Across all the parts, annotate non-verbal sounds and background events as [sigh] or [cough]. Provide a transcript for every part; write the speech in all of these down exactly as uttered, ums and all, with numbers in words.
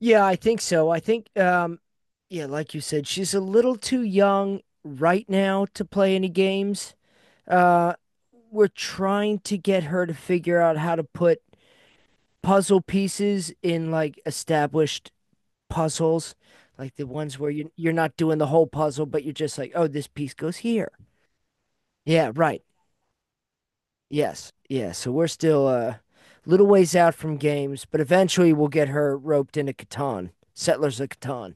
Yeah, I think so. I think, um, yeah, like you said, she's a little too young right now to play any games. Uh, we're trying to get her to figure out how to put puzzle pieces in like established puzzles, like the ones where you you're not doing the whole puzzle, but you're just like, oh, this piece goes here. Yeah, right. Yes. Yeah. So we're still a little ways out from games, but eventually we'll get her roped into Catan, Settlers of Catan.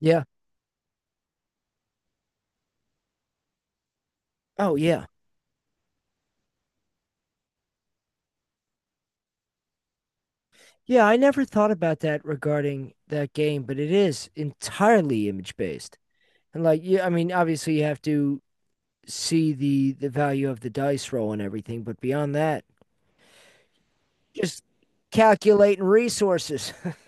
Yeah. Oh, yeah. Yeah, I never thought about that regarding that game, but it is entirely image based. And like, yeah, I mean, obviously you have to see the the value of the dice roll and everything, but beyond that, just calculating resources. [laughs]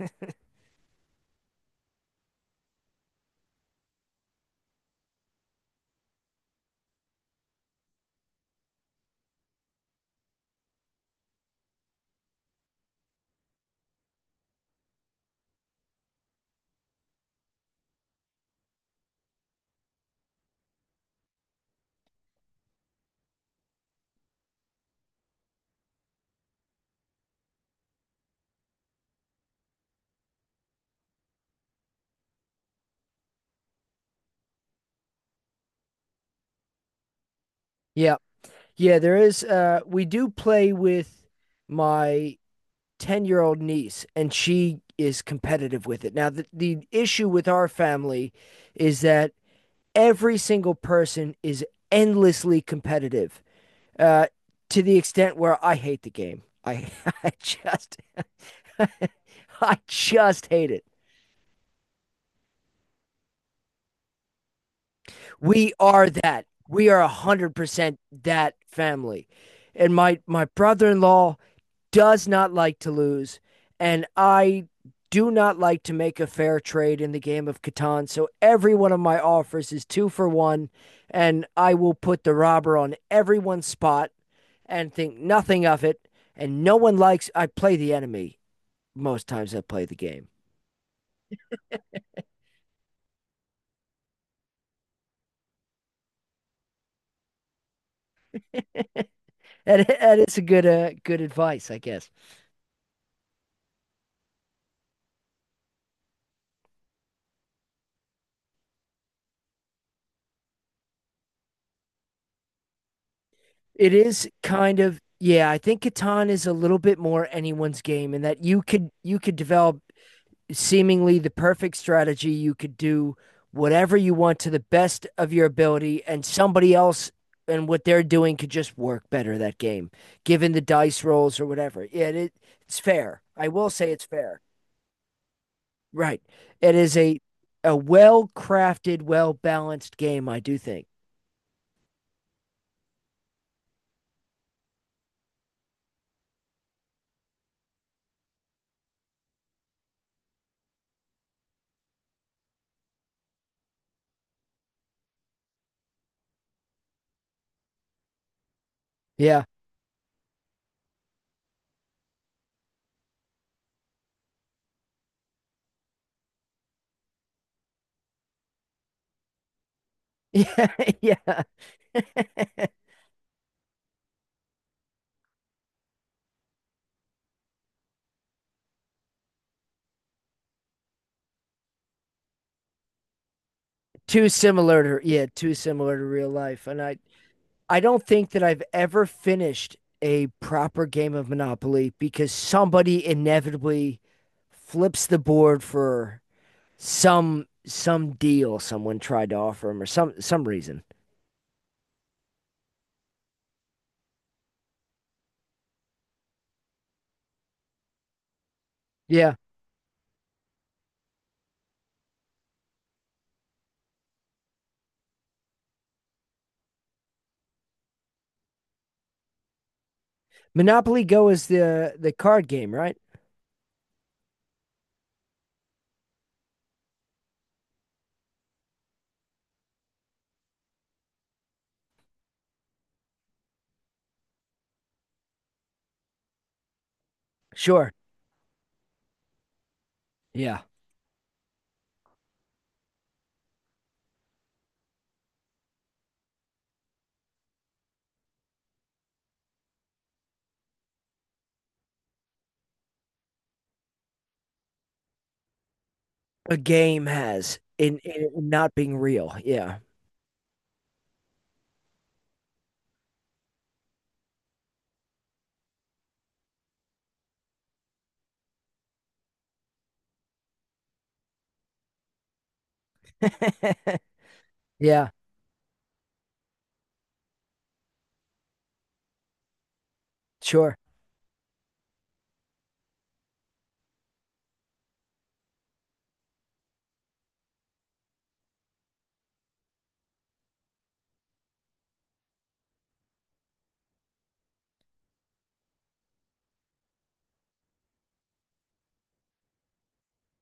Yeah. Yeah, there is uh we do play with my ten-year-old niece and she is competitive with it. Now the, the issue with our family is that every single person is endlessly competitive uh, to the extent where I hate the game. I, I just, [laughs] I just hate it. We are that. We are one hundred percent that family, and my my brother in law does not like to lose, and I do not like to make a fair trade in the game of Catan. So every one of my offers is two for one, and I will put the robber on everyone's spot and think nothing of it. And no one likes I play the enemy, most times I play the game. And [laughs] that is a good uh, good advice, I guess. It is kind of yeah, I think Catan is a little bit more anyone's game in that you could you could develop seemingly the perfect strategy. You could do whatever you want to the best of your ability, and somebody else and what they're doing could just work better that game, given the dice rolls or whatever. Yeah, it, it's fair. I will say it's fair. Right. It is a a well crafted, well balanced game, I do think. Yeah. [laughs] Yeah. Yeah. [laughs] Too similar to yeah, too similar to real life. And I I don't think that I've ever finished a proper game of Monopoly because somebody inevitably flips the board for some some deal someone tried to offer him or some some reason. Yeah. Monopoly Go is the the card game, right? Sure. Yeah. A game has in, in it not being real. Yeah. [laughs] Yeah. Sure.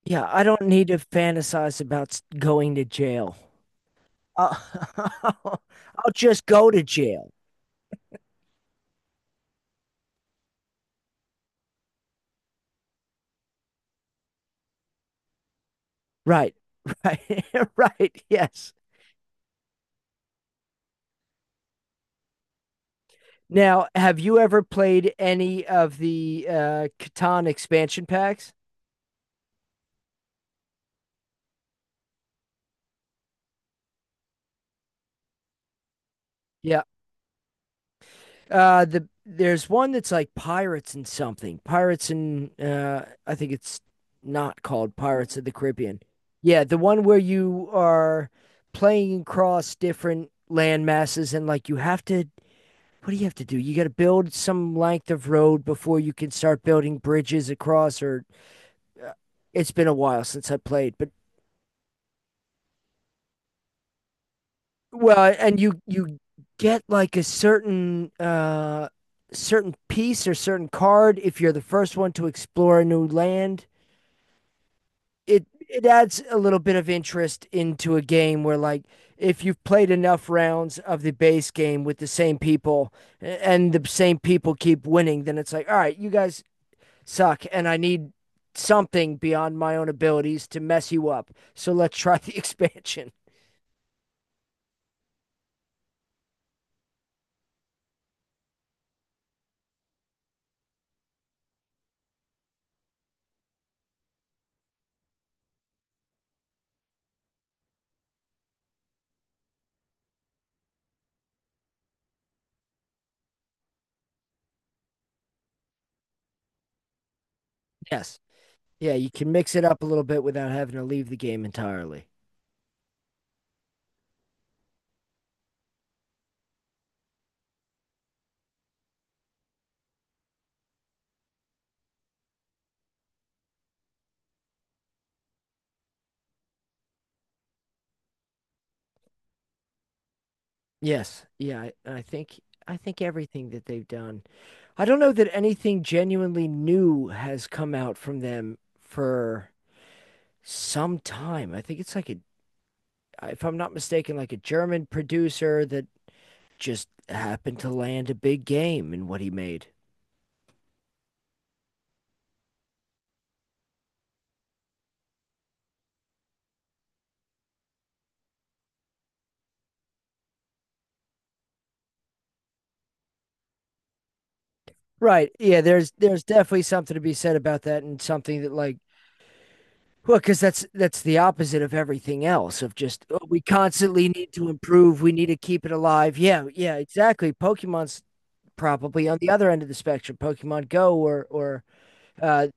Yeah, I don't need to fantasize about s- going to jail. I'll, [laughs] I'll just go to jail. Right. Right. [laughs] Right. Yes. Now, have you ever played any of the uh Catan expansion packs? Yeah. Uh the there's one that's like Pirates and something. Pirates and uh I think it's not called Pirates of the Caribbean. Yeah, the one where you are playing across different land masses and like you have to what do you have to do? You got to build some length of road before you can start building bridges across. Or uh, it's been a while since I played, but well, and you you get like a certain uh certain piece or certain card if you're the first one to explore a new land. It it adds a little bit of interest into a game where like if you've played enough rounds of the base game with the same people and the same people keep winning, then it's like, all right, you guys suck, and I need something beyond my own abilities to mess you up. So let's try the [laughs] expansion. Yes. Yeah, you can mix it up a little bit without having to leave the game entirely. Yes. Yeah, I, I think I think everything that they've done. I don't know that anything genuinely new has come out from them for some time. I think it's like a if I'm not mistaken like a German producer that just happened to land a big game in what he made. Right. Yeah, there's there's definitely something to be said about that and something that like well, because that's that's the opposite of everything else of just oh, we constantly need to improve, we need to keep it alive. Yeah, yeah, exactly. Pokemon's probably on the other end of the spectrum, Pokemon Go or or uh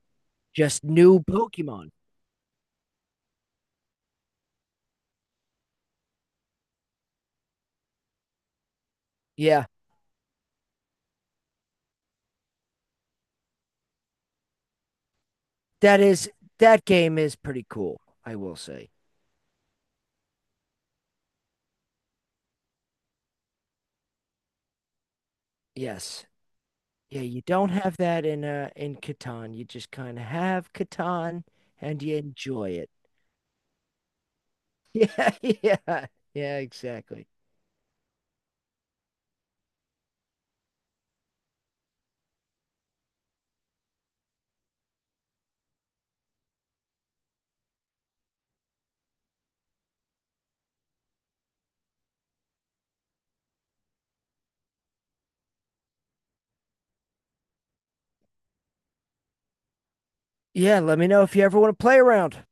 just new Pokemon. Yeah. That is that game is pretty cool, I will say. Yes. Yeah, you don't have that in uh in Catan. You just kind of have Catan and you enjoy it. [laughs] Yeah, yeah, yeah, exactly. Yeah, let me know if you ever want to play around.